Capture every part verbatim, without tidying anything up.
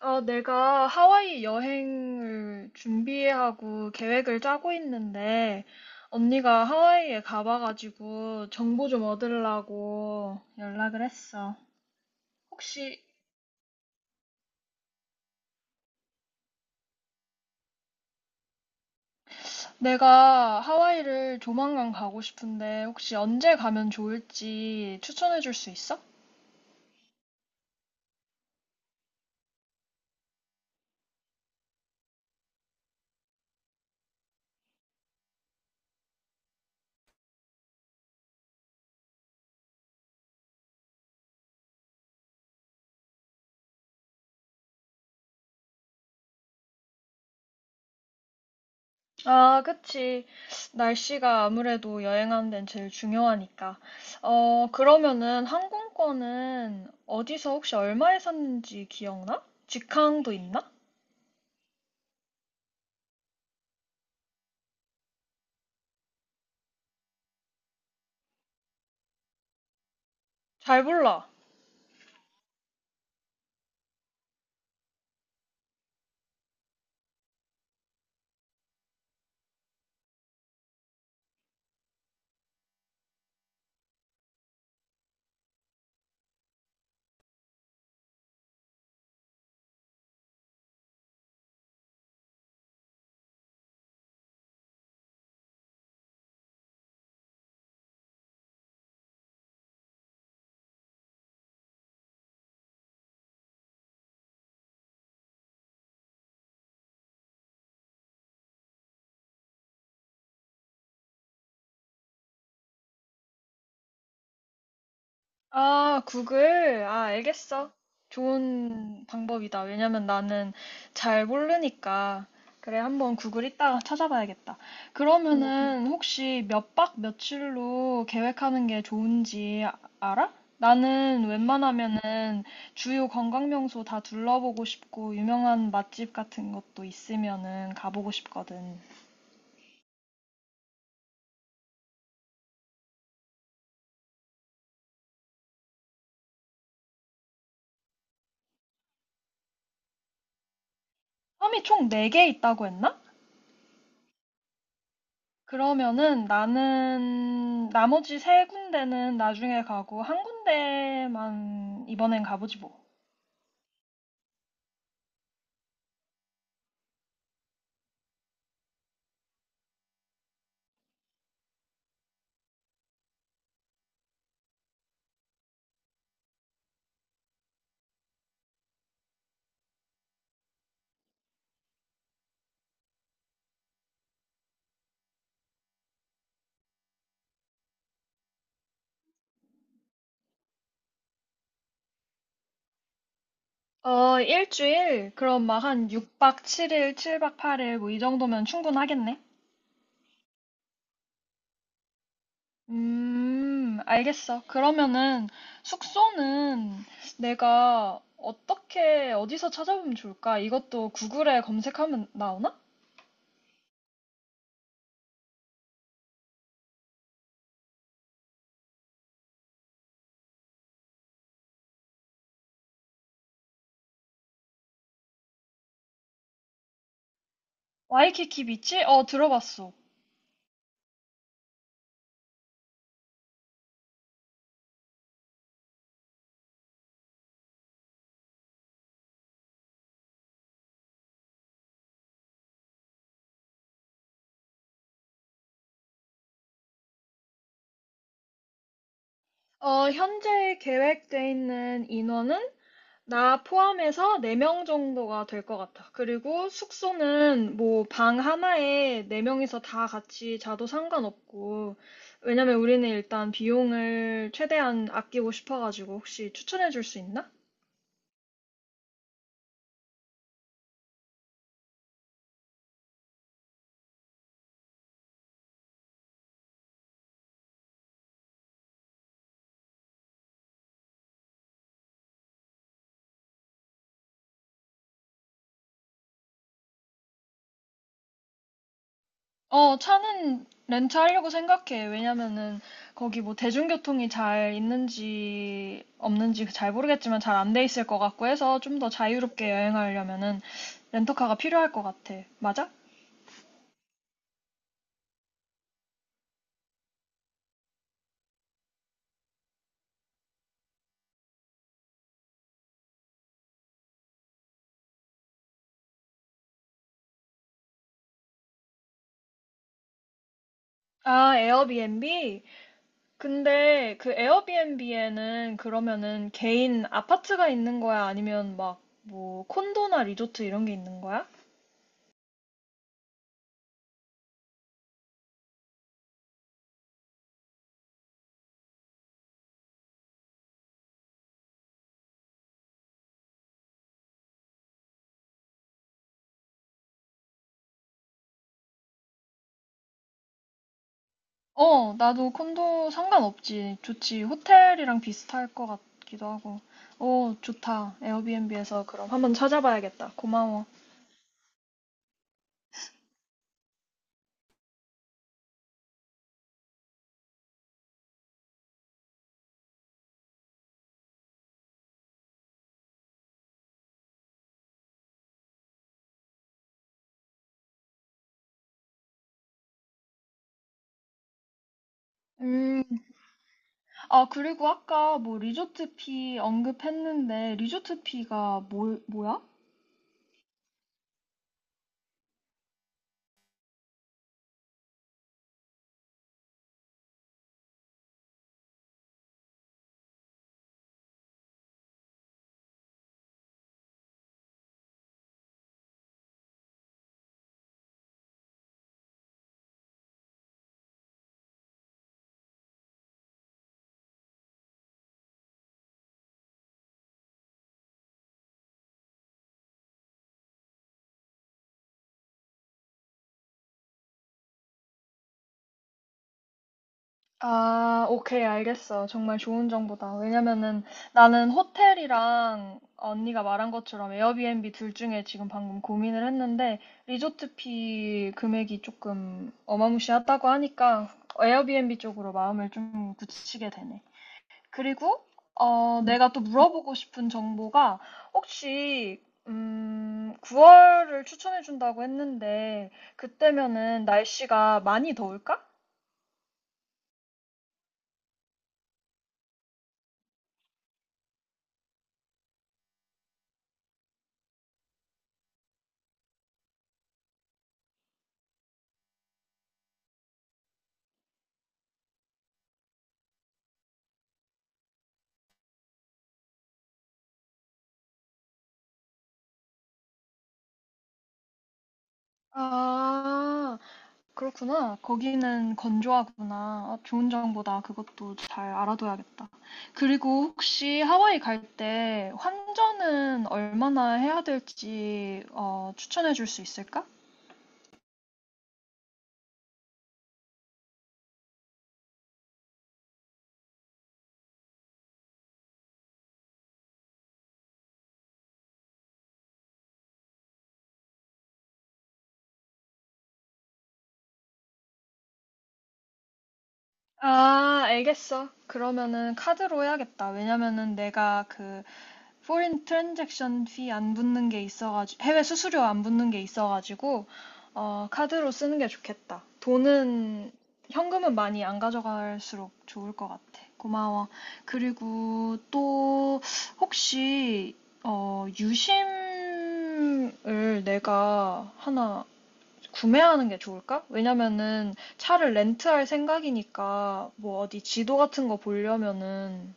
어, 내가 하와이 여행을 준비하고 계획을 짜고 있는데, 언니가 하와이에 가봐가지고 정보 좀 얻으려고 연락을 했어. 혹시 내가 하와이를 조만간 가고 싶은데, 혹시 언제 가면 좋을지 추천해 줄 수 있어? 아, 그치. 날씨가 아무래도 여행하는 데는 제일 중요하니까. 어, 그러면은 항공권은 어디서 혹시 얼마에 샀는지 기억나? 직항도 있나? 잘 몰라. 아, 구글? 아, 알겠어. 좋은 방법이다. 왜냐면 나는 잘 모르니까. 그래, 한번 구글 이따가 찾아봐야겠다. 응, 응. 그러면은 혹시 몇박 며칠로 계획하는 게 좋은지 아- 알아? 나는 웬만하면은 주요 관광 명소 다 둘러보고 싶고 유명한 맛집 같은 것도 있으면은 가보고 싶거든. 섬이 총 네 개 있다고 했나? 그러면은 나는 나머지 세 군데는 나중에 가고 한 군데만 이번엔 가보지 뭐. 어, 일주일? 그럼 막 한 육 박 칠 일, 칠 박 팔 일 뭐 이 정도면 충분하겠네? 음, 알겠어. 그러면은 숙소는 내가 어떻게 어디서 찾아보면 좋을까? 이것도 구글에 검색하면 나오나? 와이키키 비치? 어, 들어봤어. 어, 현재 계획돼 있는 인원은 나 포함해서 네 명 정도가 될 것 같아. 그리고 숙소는 뭐 방 하나에 네 명이서 다 같이 자도 상관없고, 왜냐면 우리는 일단 비용을 최대한 아끼고 싶어가지고 혹시 추천해 줄 수 있나? 어, 차는 렌트하려고 생각해. 왜냐면은 거기 뭐 대중교통이 잘 있는지 없는지 잘 모르겠지만 잘 안 돼 있을 것 같고 해서 좀 더 자유롭게 여행하려면은 렌터카가 필요할 것 같아. 맞아? 아, 에어비앤비? 근데 그 에어비앤비에는 그러면은 개인 아파트가 있는 거야? 아니면 막 뭐 콘도나 리조트 이런 게 있는 거야? 어, 나도 콘도 상관없지. 좋지. 호텔이랑 비슷할 것 같기도 하고. 오, 좋다. 에어비앤비에서 그럼 한번 찾아봐야겠다. 고마워. 음, 아, 그리고 아까 뭐 리조트 피 언급했는데 리조트 피가 뭐, 뭐야? 아, 오케이, 알겠어. 정말 좋은 정보다. 왜냐면은 나는 호텔이랑 언니가 말한 것처럼 에어비앤비 둘 중에 지금 방금 고민을 했는데 리조트비 금액이 조금 어마무시하다고 하니까 에어비앤비 쪽으로 마음을 좀 굳히게 되네. 그리고 어, 내가 또 물어보고 싶은 정보가 혹시 음, 구월을 추천해 준다고 했는데 그때면은 날씨가 많이 더울까? 아, 그렇구나. 거기는 건조하구나. 아, 좋은 정보다. 그것도 잘 알아둬야겠다. 그리고 혹시 하와이 갈 때 환전은 얼마나 해야 될지 어, 추천해 줄 수 있을까? 아, 알겠어. 그러면은 카드로 해야겠다. 왜냐면은 내가 그 포린 트랜잭션 피 안 붙는 게 있어가지고 해외 수수료 안 붙는 게 있어가지고 어, 카드로 쓰는 게 좋겠다. 돈은 현금은 많이 안 가져갈수록 좋을 것 같아. 고마워. 그리고 또 혹시 어, 유심을 내가 하나 구매하는 게 좋을까? 왜냐면은 차를 렌트할 생각이니까 뭐 어디 지도 같은 거 보려면은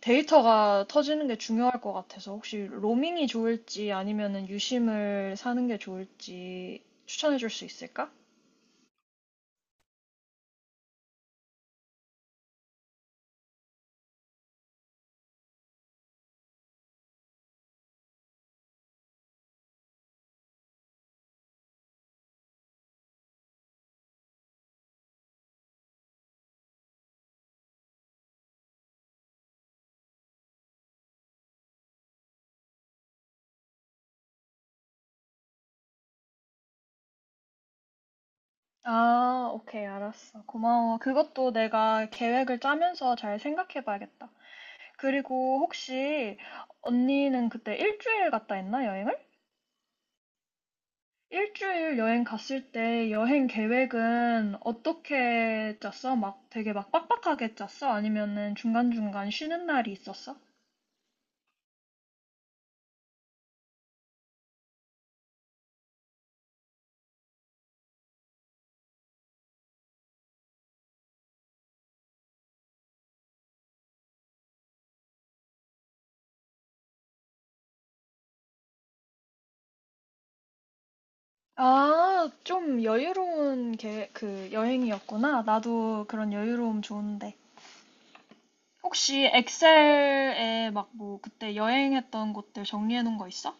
데이터가 터지는 게 중요할 것 같아서 혹시 로밍이 좋을지 아니면은 유심을 사는 게 좋을지 추천해 줄 수 있을까? 아, 오케이, 알았어. 고마워. 그것도 내가 계획을 짜면서 잘 생각해 봐야겠다. 그리고 혹시 언니는 그때 일주일 갔다 했나, 여행을? 일주일 여행 갔을 때 여행 계획은 어떻게 짰어? 막 되게 막 빡빡하게 짰어? 아니면은 중간중간 쉬는 날이 있었어? 아, 좀 여유로운 게, 그 여행이었구나. 나도 그런 여유로움 좋은데. 혹시 엑셀에 막 뭐 그때 여행했던 곳들 정리해 놓은 거 있어?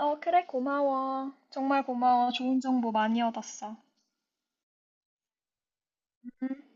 어, 그래, 고마워. 정말 고마워. 좋은 정보 많이 얻었어. 음,